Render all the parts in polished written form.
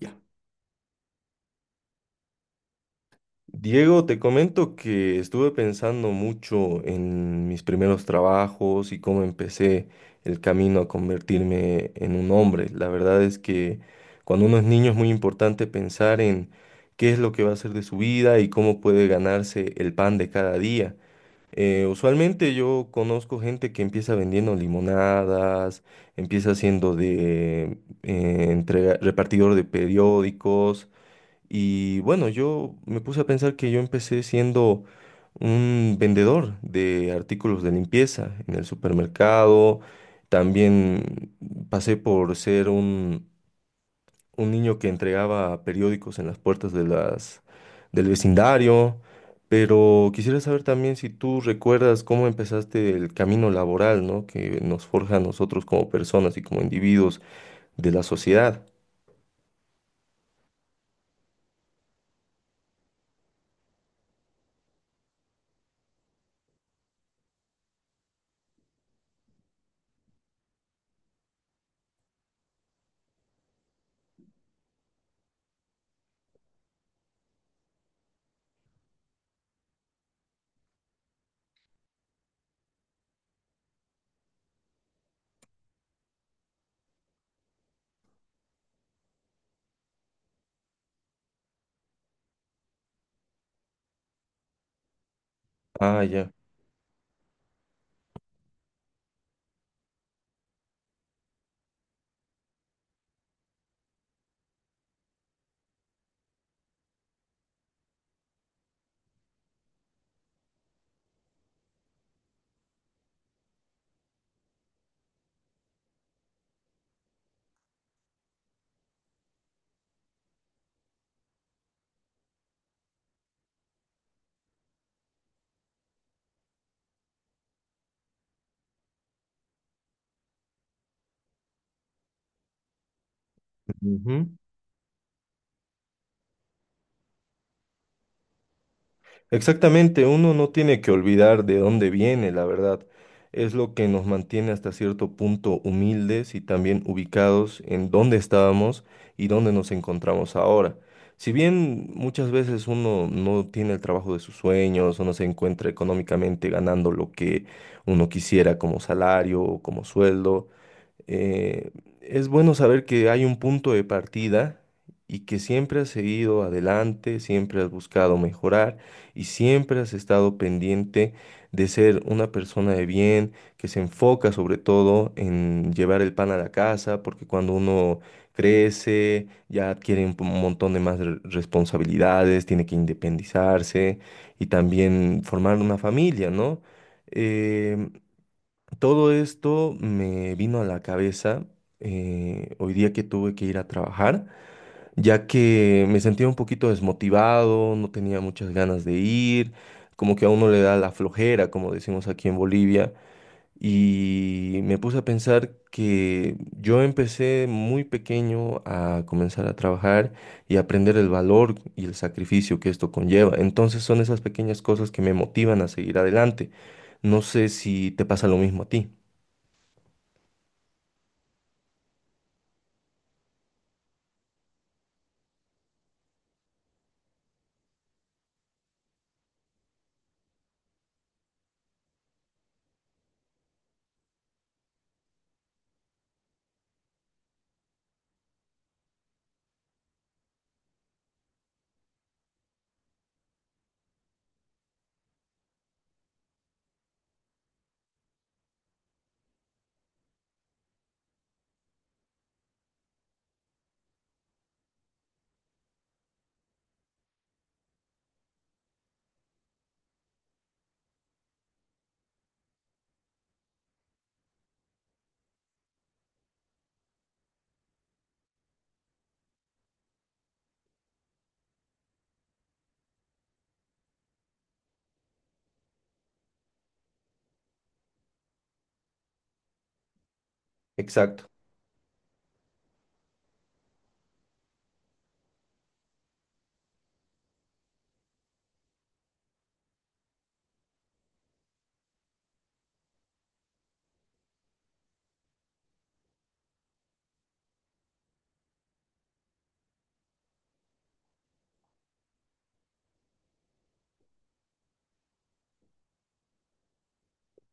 Ya. Diego, te comento que estuve pensando mucho en mis primeros trabajos y cómo empecé el camino a convertirme en un hombre. La verdad es que cuando uno es niño es muy importante pensar en qué es lo que va a hacer de su vida y cómo puede ganarse el pan de cada día. Usualmente yo conozco gente que empieza vendiendo limonadas, empieza siendo de repartidor de periódicos. Y bueno, yo me puse a pensar que yo empecé siendo un vendedor de artículos de limpieza en el supermercado. También pasé por ser un niño que entregaba periódicos en las puertas de del vecindario. Pero quisiera saber también si tú recuerdas cómo empezaste el camino laboral, ¿no? Que nos forja a nosotros como personas y como individuos de la sociedad. Ah, ya. Ujú. Exactamente, uno no tiene que olvidar de dónde viene, la verdad. Es lo que nos mantiene hasta cierto punto humildes y también ubicados en dónde estábamos y dónde nos encontramos ahora. Si bien muchas veces uno no tiene el trabajo de sus sueños o no se encuentra económicamente ganando lo que uno quisiera como salario o como sueldo, eh, es bueno saber que hay un punto de partida y que siempre has seguido adelante, siempre has buscado mejorar y siempre has estado pendiente de ser una persona de bien, que se enfoca sobre todo en llevar el pan a la casa, porque cuando uno crece, ya adquiere un montón de más responsabilidades, tiene que independizarse y también formar una familia, ¿no? Eh, Todo esto me vino a la cabeza hoy día que tuve que ir a trabajar, ya que me sentía un poquito desmotivado, no tenía muchas ganas de ir, como que a uno le da la flojera, como decimos aquí en Bolivia, y me puse a pensar que yo empecé muy pequeño a comenzar a trabajar y aprender el valor y el sacrificio que esto conlleva. Entonces son esas pequeñas cosas que me motivan a seguir adelante. No sé si te pasa lo mismo a ti. Exacto,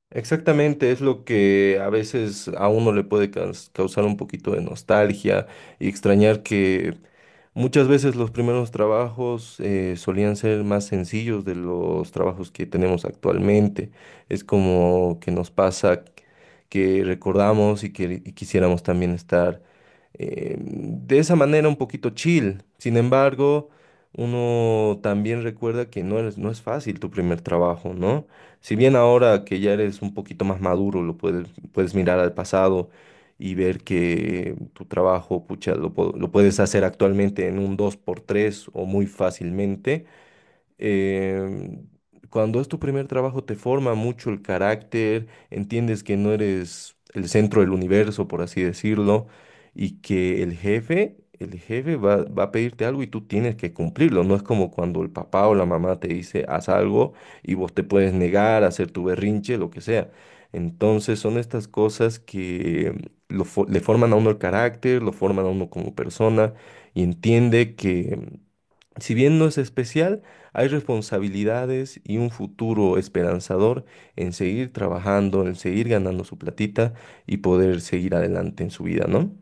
exactamente, es lo que a veces a uno le puede causar un poquito de nostalgia y extrañar que muchas veces los primeros trabajos solían ser más sencillos de los trabajos que tenemos actualmente. Es como que nos pasa que recordamos y que quisiéramos también estar de esa manera un poquito chill. Sin embargo, uno también recuerda que no es fácil tu primer trabajo, ¿no? Si bien ahora que ya eres un poquito más maduro, puedes mirar al pasado y ver que tu trabajo, pucha, lo puedes hacer actualmente en un dos por tres o muy fácilmente. eh, Cuando es tu primer trabajo te forma mucho el carácter, entiendes que no eres el centro del universo, por así decirlo, y que el jefe va a pedirte algo y tú tienes que cumplirlo. No es como cuando el papá o la mamá te dice haz algo y vos te puedes negar, hacer tu berrinche, lo que sea. Entonces son estas cosas que le forman a uno el carácter, lo forman a uno como persona y entiende que si bien no es especial, hay responsabilidades y un futuro esperanzador en seguir trabajando, en seguir ganando su platita y poder seguir adelante en su vida, ¿no?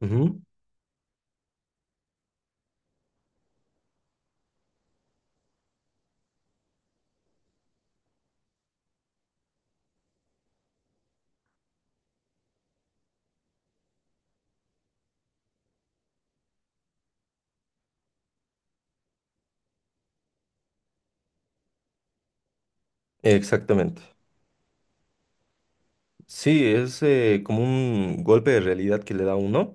Ujú. Exactamente. Sí, es como un golpe de realidad que le da uno.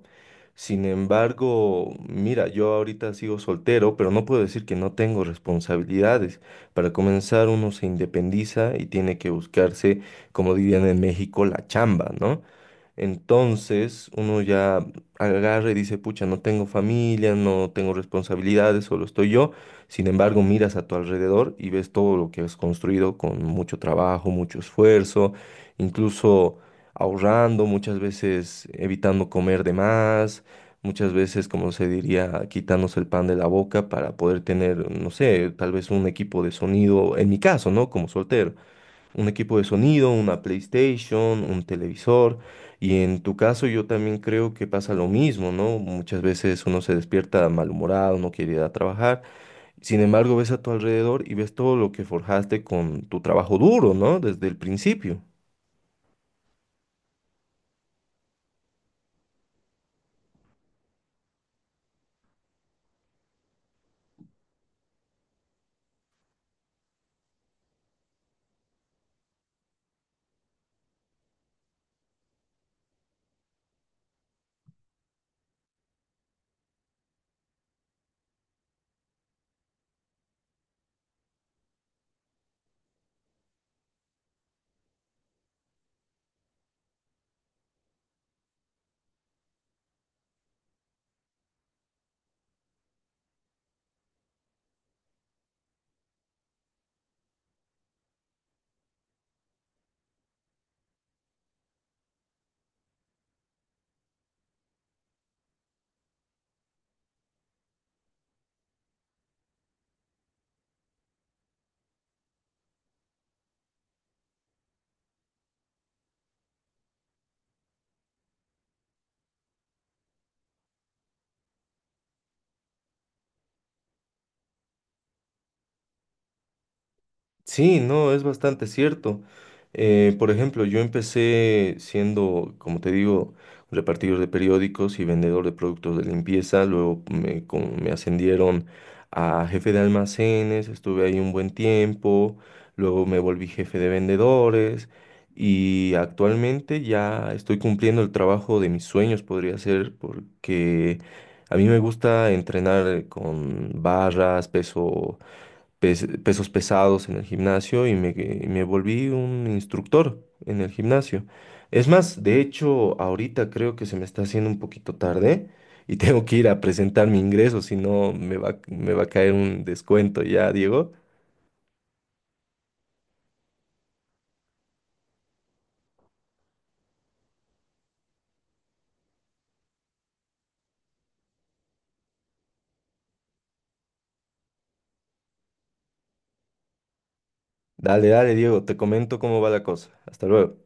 Sin embargo, mira, yo ahorita sigo soltero, pero no puedo decir que no tengo responsabilidades. Para comenzar, uno se independiza y tiene que buscarse, como dirían en México, la chamba, ¿no? Entonces, uno ya agarra y dice, pucha, no tengo familia, no tengo responsabilidades, solo estoy yo. Sin embargo, miras a tu alrededor y ves todo lo que has construido con mucho trabajo, mucho esfuerzo, incluso ahorrando, muchas veces evitando comer de más, muchas veces, como se diría, quitándose el pan de la boca para poder tener, no sé, tal vez un equipo de sonido, en mi caso, ¿no? Como soltero, un equipo de sonido, una PlayStation, un televisor. Y en tu caso yo también creo que pasa lo mismo, ¿no? Muchas veces uno se despierta malhumorado, no quiere ir a trabajar. Sin embargo, ves a tu alrededor y ves todo lo que forjaste con tu trabajo duro, ¿no? Desde el principio. Sí, no, es bastante cierto. Por ejemplo, yo empecé siendo, como te digo, repartidor de periódicos y vendedor de productos de limpieza. Luego me ascendieron a jefe de almacenes, estuve ahí un buen tiempo. Luego me volví jefe de vendedores y actualmente ya estoy cumpliendo el trabajo de mis sueños, podría ser, porque a mí me gusta entrenar con barras, pesos pesados en el gimnasio y y me volví un instructor en el gimnasio. Es más, de hecho, ahorita creo que se me está haciendo un poquito tarde y tengo que ir a presentar mi ingreso, si no me va a caer un descuento ya, Diego. Dale, dale, Diego, te comento cómo va la cosa. Hasta luego.